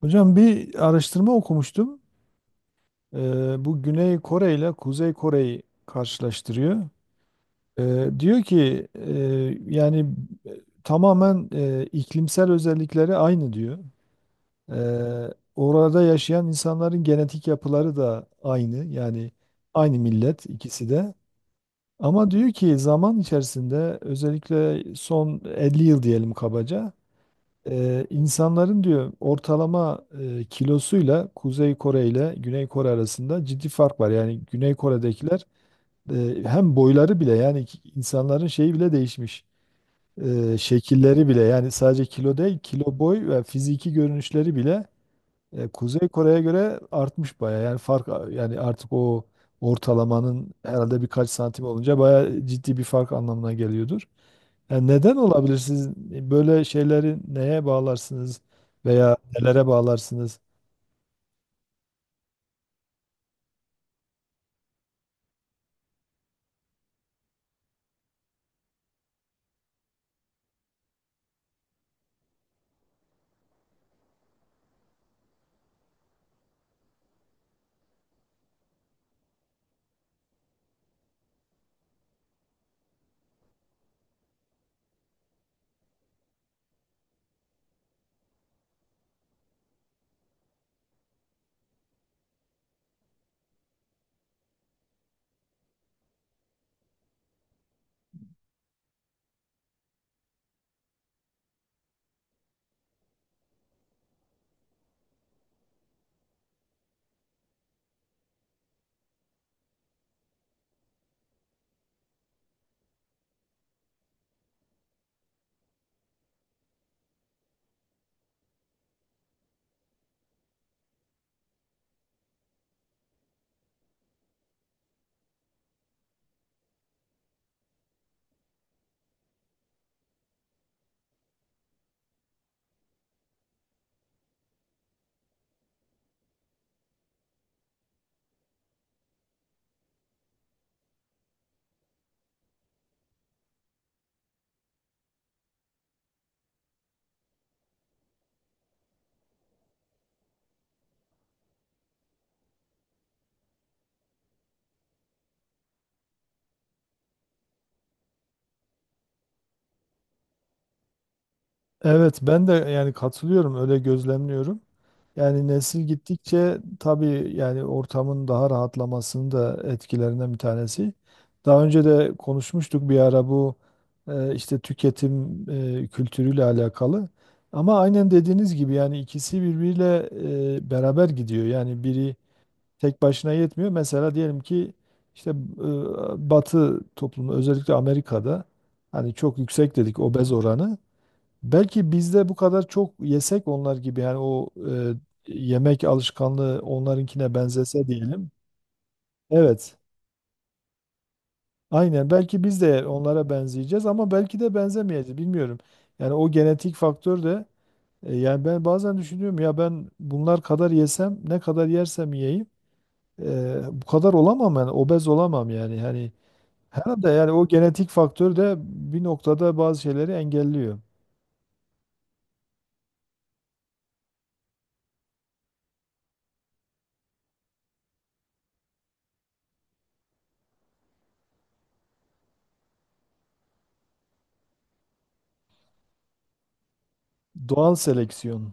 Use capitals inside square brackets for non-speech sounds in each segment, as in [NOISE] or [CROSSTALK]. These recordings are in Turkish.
Hocam bir araştırma okumuştum. Bu Güney Kore ile Kuzey Kore'yi karşılaştırıyor. Diyor ki yani e, tamamen iklimsel özellikleri aynı diyor. Orada yaşayan insanların genetik yapıları da aynı. Yani aynı millet ikisi de. Ama diyor ki zaman içerisinde özellikle son 50 yıl diyelim kabaca. İnsanların diyor ortalama kilosuyla Kuzey Kore ile Güney Kore arasında ciddi fark var. Yani Güney Kore'dekiler e, hem boyları bile yani insanların şeyi bile değişmiş. Şekilleri bile yani sadece kilo değil, kilo, boy ve fiziki görünüşleri bile Kuzey Kore'ye göre artmış baya. Yani yani artık o ortalamanın herhalde birkaç santim olunca baya ciddi bir fark anlamına geliyordur. Yani neden olabilir, siz böyle şeyleri neye bağlarsınız veya nelere bağlarsınız? Evet, ben de yani katılıyorum, öyle gözlemliyorum. Yani nesil gittikçe tabii, yani ortamın daha rahatlamasının da etkilerinden bir tanesi. Daha önce de konuşmuştuk bir ara bu işte tüketim kültürüyle alakalı. Ama aynen dediğiniz gibi yani ikisi birbiriyle beraber gidiyor. Yani biri tek başına yetmiyor. Mesela diyelim ki işte Batı toplumu özellikle Amerika'da hani çok yüksek dedik obez oranı. Belki bizde bu kadar çok yesek onlar gibi, yani o yemek alışkanlığı onlarınkine benzese diyelim. Evet. Aynen, belki biz de onlara benzeyeceğiz ama belki de benzemeyeceğiz, bilmiyorum. Yani o genetik faktör de yani ben bazen düşünüyorum ya, ben bunlar kadar yesem, ne kadar yersem yiyeyim bu kadar olamam, yani obez olamam yani hani. Herhalde yani o genetik faktör de bir noktada bazı şeyleri engelliyor. Doğal seleksiyon.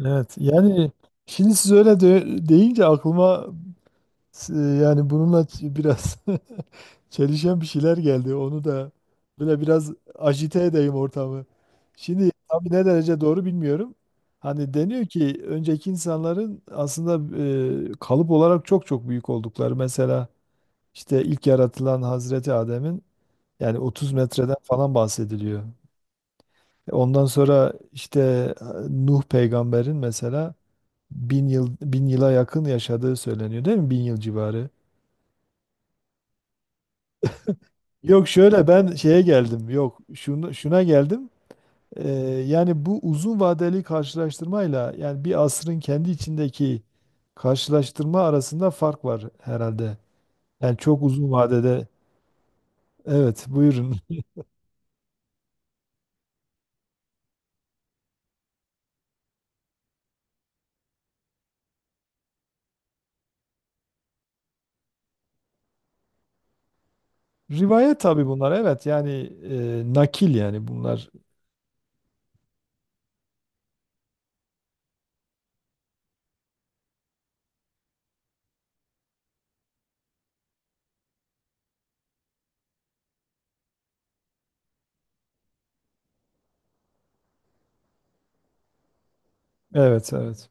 Evet. Yani şimdi siz öyle deyince aklıma yani bununla biraz [LAUGHS] çelişen bir şeyler geldi. Onu da böyle biraz ajite edeyim ortamı. Şimdi tabii ne derece doğru bilmiyorum. Hani deniyor ki önceki insanların aslında kalıp olarak çok çok büyük oldukları. Mesela İşte ilk yaratılan Hazreti Adem'in yani 30 metreden falan bahsediliyor. Ondan sonra işte e, Nuh peygamberin mesela 1.000 yıla yakın yaşadığı söyleniyor değil mi? 1.000 yıl civarı. Yok, şöyle ben şeye geldim. Yok, şuna geldim. Ee, yani bu uzun vadeli karşılaştırmayla yani bir asrın kendi içindeki karşılaştırma arasında fark var herhalde. Yani çok uzun vadede. Evet, buyurun. [LAUGHS] Rivayet tabii bunlar. Evet yani nakil yani bunlar. Evet, evet.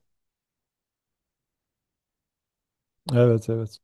Evet, evet.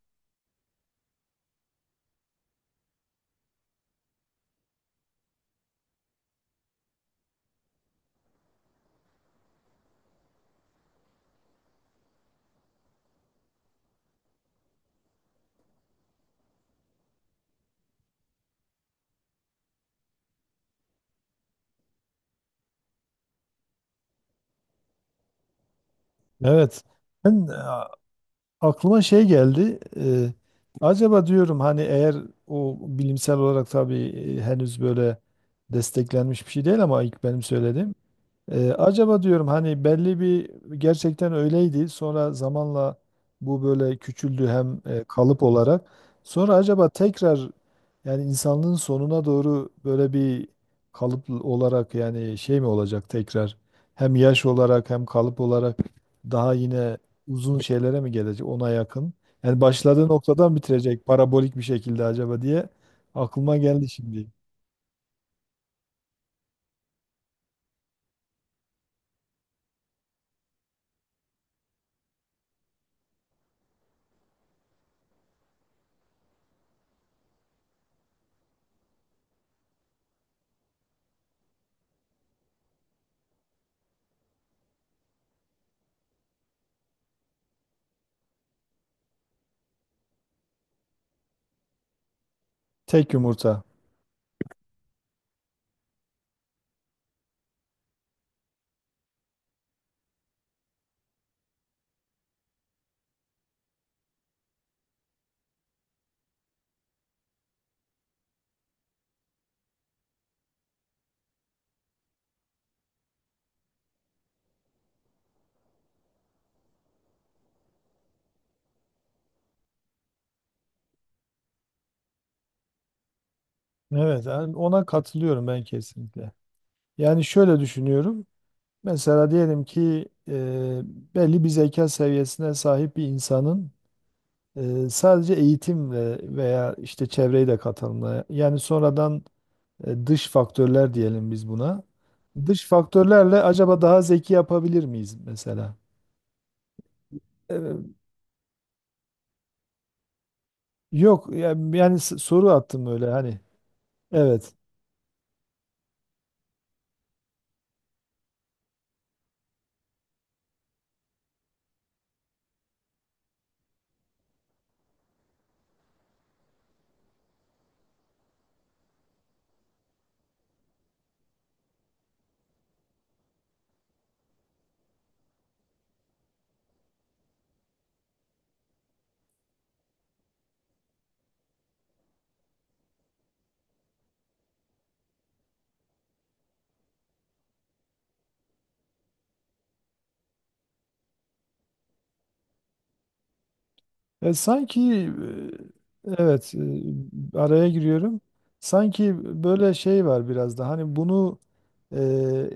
Evet. Ben a- aklıma şey geldi. Acaba diyorum hani, eğer o bilimsel olarak tabii henüz böyle desteklenmiş bir şey değil ama ilk benim söylediğim. Acaba diyorum hani belli bir gerçekten öyleydi. Sonra zamanla bu böyle küçüldü hem kalıp olarak. Sonra acaba tekrar yani insanlığın sonuna doğru böyle bir kalıp olarak yani şey mi olacak tekrar? Hem yaş olarak hem kalıp olarak daha yine uzun şeylere mi gelecek, ona yakın? Yani başladığı noktadan bitirecek parabolik bir şekilde acaba diye aklıma geldi şimdi. Tek yumurta. Evet, yani ona katılıyorum ben kesinlikle. Yani şöyle düşünüyorum. Mesela diyelim ki belli bir zeka seviyesine sahip bir insanın sadece eğitimle veya işte çevreyi de katalımla, yani sonradan dış faktörler diyelim biz buna. Dış faktörlerle acaba daha zeki yapabilir miyiz mesela? E, yok yani, soru attım öyle hani. Evet. E, sanki evet, araya giriyorum. Sanki böyle şey var biraz da hani bunu e,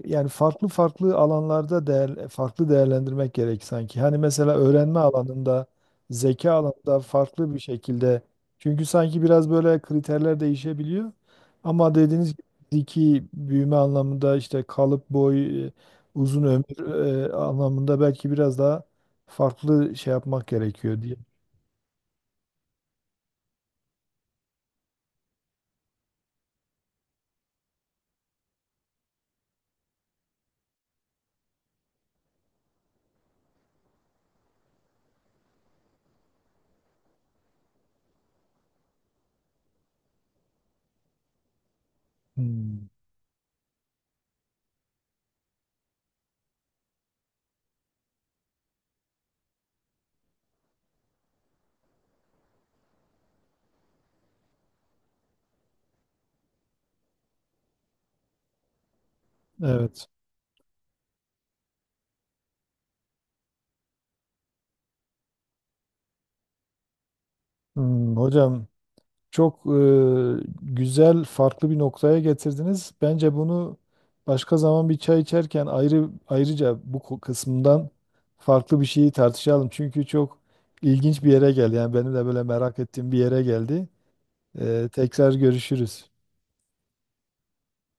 yani farklı farklı alanlarda farklı değerlendirmek gerek sanki. Hani mesela öğrenme alanında, zeka alanında farklı bir şekilde. Çünkü sanki biraz böyle kriterler değişebiliyor. Ama dediğiniz gibi fiziki büyüme anlamında işte kalıp, boy, uzun ömür anlamında belki biraz daha farklı şey yapmak gerekiyor diye. Hmm, evet. Hocam çok güzel, farklı bir noktaya getirdiniz. Bence bunu başka zaman bir çay içerken ayrı ayrıca bu kısmından farklı bir şeyi tartışalım. Çünkü çok ilginç bir yere geldi. Yani benim de böyle merak ettiğim bir yere geldi. Tekrar görüşürüz.